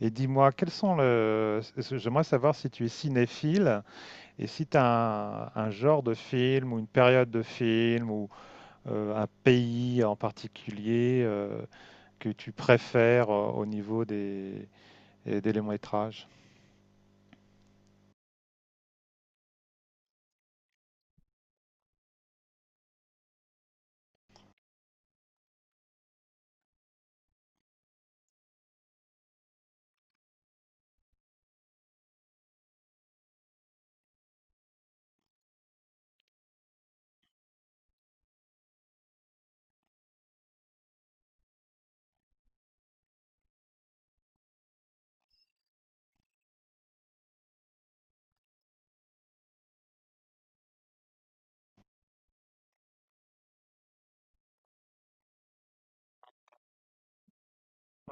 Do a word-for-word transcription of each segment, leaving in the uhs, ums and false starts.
Et dis-moi, quels sont le... j'aimerais savoir si tu es cinéphile et si tu as un, un genre de film ou une période de film ou euh, un pays en particulier euh, que tu préfères euh, au niveau des, et des longs-métrages.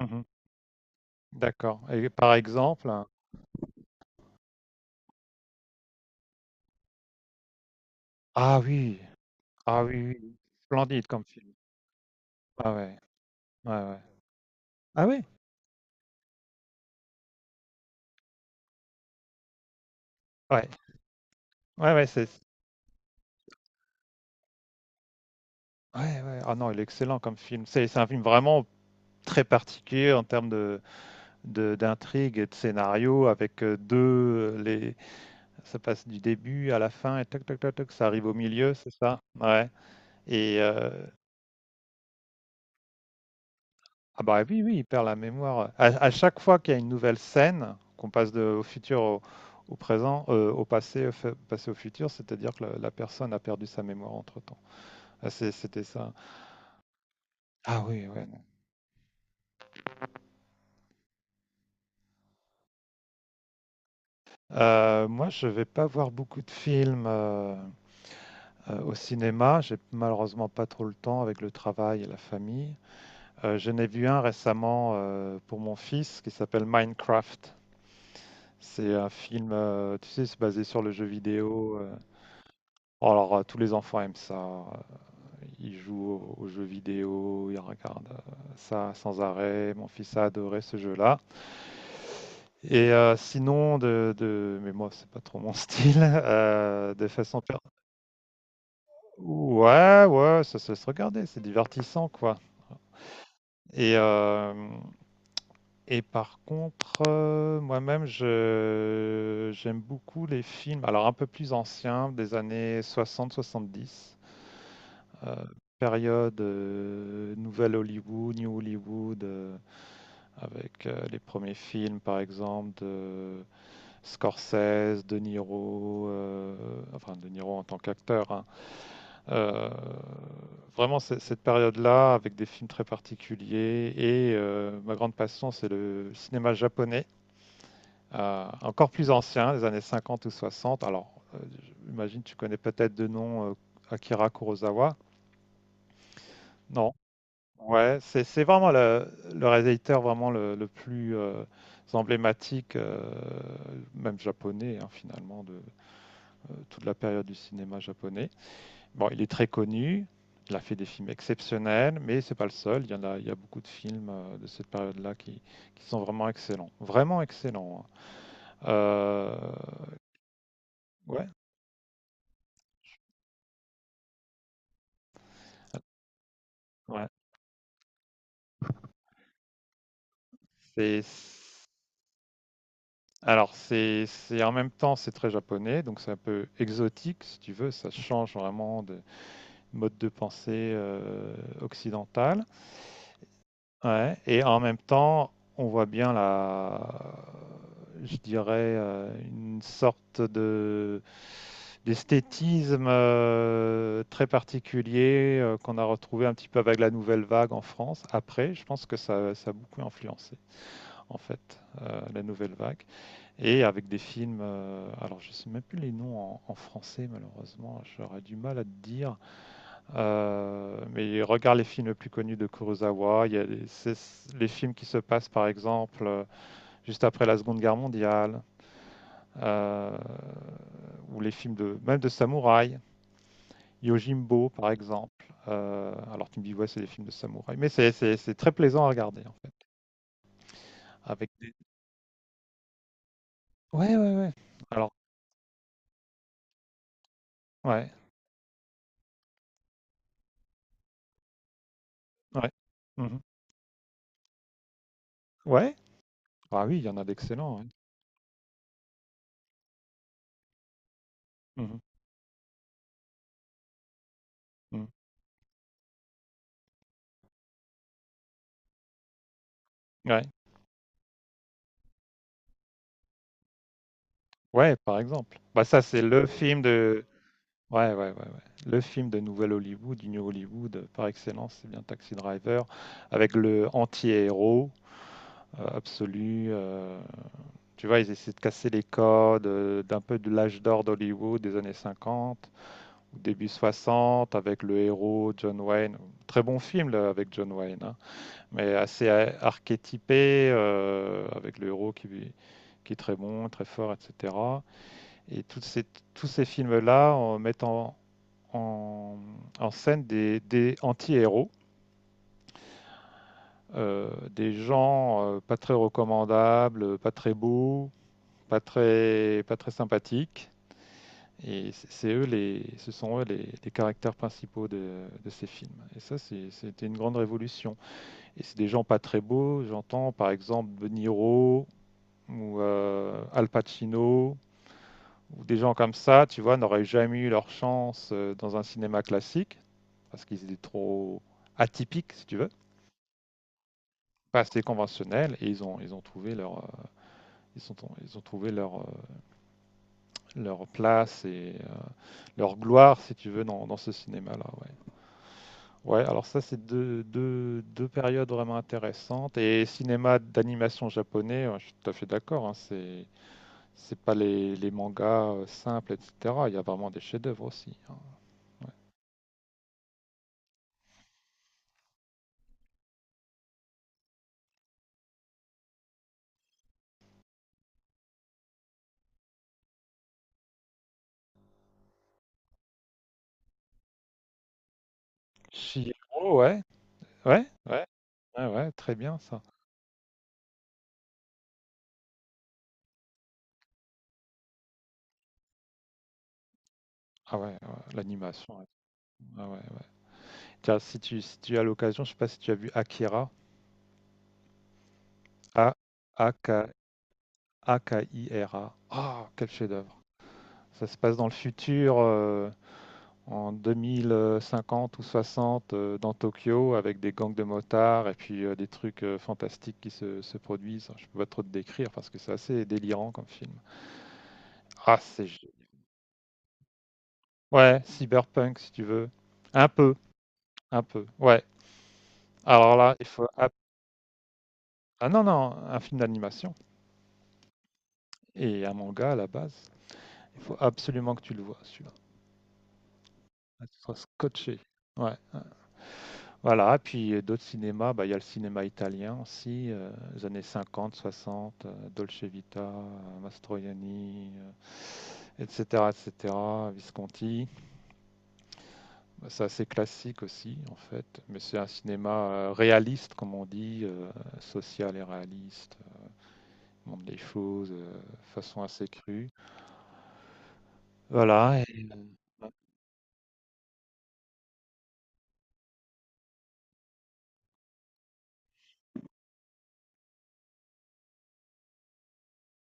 Mhm. D'accord. Et par exemple, un- ah oui, ah oui, oui, oui. Splendide comme film. Ah ouais, ouais, ouais. Ah oui? Ouais, ouais, ouais, c'est. ouais, ouais. Ah non, il est excellent comme film. C'est c'est un film vraiment très particulier en termes de, de, d'intrigue et de scénario. Avec euh, deux, euh, les, ça passe du début à la fin et toc toc toc toc, ça arrive au milieu, c'est ça? Ouais. Et euh, ah bah oui, oui, il perd la mémoire. À, à chaque fois qu'il y a une nouvelle scène, qu'on passe de, au futur au, au présent, euh, au passé, au fa- passé au futur, c'est-à-dire que la, la personne a perdu sa mémoire entre-temps. Ah, c'est- c'était ça. Ah oui, ouais. Euh, moi, je vais pas voir beaucoup de films euh, euh, au cinéma. J'ai malheureusement pas trop le temps avec le travail et la famille. Euh, j'en ai vu un récemment euh, pour mon fils qui s'appelle Minecraft. C'est un film, euh, tu sais, c'est basé sur le jeu vidéo. euh. Alors, euh, tous les enfants aiment ça. Euh, Ils jouent au- aux jeux vidéo, ils regardent euh, ça sans arrêt. Mon fils a adoré ce jeu-là. Et euh, sinon, de, de- mais moi, c'est pas trop mon style, euh, de façon... per- ouais, ouais, ça, ça se regarder, c'est divertissant, quoi. Et, euh, Et par contre, euh, moi-même, je j'aime beaucoup les films, alors un peu plus anciens, des années soixante, soixante-dix, période euh, Nouvelle Hollywood, New Hollywood, euh, avec euh, les premiers films, par exemple, de Scorsese, De Niro, euh, enfin De Niro en tant qu'acteur, hein. Euh, Vraiment, c'est- cette période-là, avec des films très particuliers, et euh, ma grande passion, c'est le cinéma japonais. Euh, encore plus ancien, des années cinquante ou soixante. Alors, euh, j'imagine que tu connais peut-être de nom euh, Akira Kurosawa. Non. Ouais, c'est c'est vraiment le, le réalisateur vraiment le, le plus euh, emblématique, euh, même japonais hein, finalement, de euh, toute la période du cinéma japonais. Bon, il est très connu, il a fait des films exceptionnels, mais c'est pas le seul. Il y en a, il y a beaucoup de films euh, de cette période-là qui, qui sont vraiment excellents, vraiment excellents. Hein. Euh, ouais, ouais. C'est alors c'est c'est en même temps, c'est très japonais, donc c'est un peu exotique si tu veux, ça change vraiment de mode de pensée, heu, occidental. Ouais, et en même temps, on voit bien la je dirais, heu, une sorte de d'esthétisme, heu, très particulier, heu, qu'on a retrouvé un petit peu avec la nouvelle vague en France. Après, je pense que ça ça a beaucoup influencé en fait, heu, la nouvelle vague. Et avec des films, euh, alors je ne sais même plus les noms en, en français malheureusement, j'aurais du mal à te dire. Euh, mais regarde les films les plus connus de Kurosawa. Il y a les, les films qui se passent par exemple euh, juste après la Seconde Guerre mondiale, euh, ou les films de même de samouraï, Yojimbo par exemple. Euh, alors tu me dis ouais c'est des films de samouraï, mais c'est c'est- c'est très plaisant à regarder en fait. Avec des... ouais ouais ouais. Alors ouais ouais. Mhm. Ouais. Ah oui, il y en a d'excellents. Ouais. Mmh mh. Mmh. Ouais. Ouais, par exemple. Bah, ça, c'est le film de... Ouais, ouais, ouais, ouais. Le film de nouvelle Hollywood, du New Hollywood, heu, par excellence, c'est bien Taxi Driver, avec le anti-héros, heu, absolu, heu, tu vois? Ils essaient de casser les codes, heu, d'un peu de l'âge d'or d'Hollywood des années cinquante, ou début soixante, avec le héros John Wayne. Très bon film, là, avec John Wayne, hein, mais assez a archétypé, heu, avec le héros qui qui est très bon, très fort et cetera. Et toutes ces- Tous ces films-là en mettent en, en- en scène des, des anti-héros, euh, des gens euh, pas très recommandables, pas très beaux, pas très, pas très sympathiques. Et c- c'est eux les, ce sont eux les, les caractères principaux de, de ces films. Et ça, c'est- c'était une grande révolution. Et c'est des gens pas très beaux. J'entends par exemple De Niro ou euh, Al Pacino. Ou des gens comme ça, tu vois, n'auraient jamais eu leur chance euh, dans un cinéma classique, parce qu'ils étaient trop atypiques, si tu veux, pas assez conventionnels, et ils ont, ils ont trouvé leur, euh, ils sont, ils ont trouvé leur, euh, leur place et euh, leur gloire, si tu veux, dans, dans ce cinéma-là. Ouais. Ouais, alors ça, c'est deux, deux, deux périodes vraiment intéressantes. Et cinéma d'animation japonais, ouais, je suis tout à fait d'accord, hein, c'est, c'est pas les, les mangas euh, simples, et cetera. Il y a vraiment des chefs-d'œuvre aussi. Hein, ouais. Chihiro, ouais, ouais, ouais. Ouais, ouais, très bien ça. Ah ouais, ouais, l'animation. et Ah ouais, ouais. Tiens, si tu, si tu as l'occasion, je sais pas si tu as vu Akira. A A K A K I R A. Ah, quel chef-d'œuvre. Ça se passe dans le futur, euh, en deux mille cinquante ou soixante, euh, dans Tokyo, avec des gangs de motards et puis euh, des trucs euh, fantastiques qui se, se produisent. Je peux pas trop te décrire parce que c'est assez délirant comme film. Ah, c'est... gé- ouais, cyberpunk si tu veux. Un peu, un peu. Ouais, Alors là, il faut ab- ah non, non, un film d'animation et un manga à la base. Il faut absolument que tu le vois, celui-là. Là, tu seras scotché. Ouais, ouais. Voilà, puis euh, d'autres cinémas, bah, il y a le cinéma italien aussi, euh, les années cinquante, soixante, euh, Dolce Vita, euh, Mastroianni, euh, et cetera, et cetera, Visconti. Bah, c'est assez classique aussi, en fait, mais c'est un cinéma euh, réaliste, comme on dit, euh, social et réaliste, montre des choses euh, de façon assez crue. Voilà. et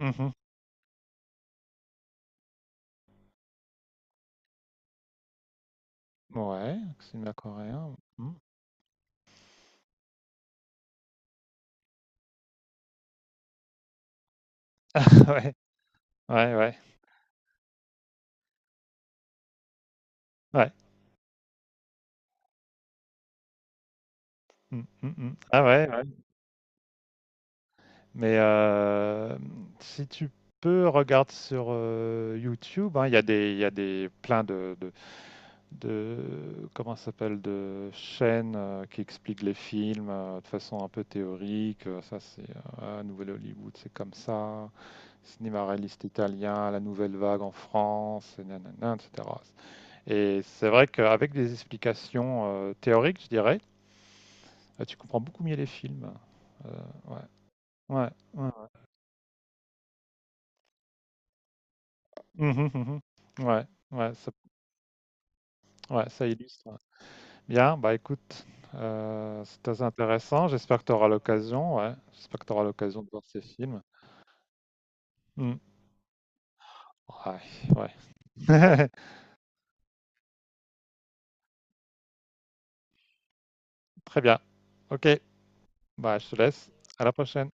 Mmh mh. Ouais, cinéma coréen. Mmh. Ouais, ouais, ouais, ouais. Mmh, mmh mh. Ah ouais, ouais. Mais hem, si tu peux, regarde sur, heu, YouTube, hein, il y a des il y a des plein de de de comment ça s'appelle? De chaînes, heu, qui expliquent les films, heu, de façon un peu théorique, heu, ça c'est, euh, ah, Nouvelle Hollywood, c'est comme ça, cinéma réaliste italien, la nouvelle vague en France et na et cetera. Et c'est vrai qu'avec des explications euh, théoriques, je dirais, euh, tu comprends beaucoup mieux les films. Euh, ouais, ouais, ouais. Mhm, mhm. Ouais, ouais, ça, ouais, ça illustre. Bien, bah écoute, euh, c'est très intéressant. J'espère que tu auras l'occasion, ouais. J'espère que tu auras l'occasion de voir ces films. Mm. Ouais, ouais. Très bien. Ok, bah je te laisse. À la prochaine.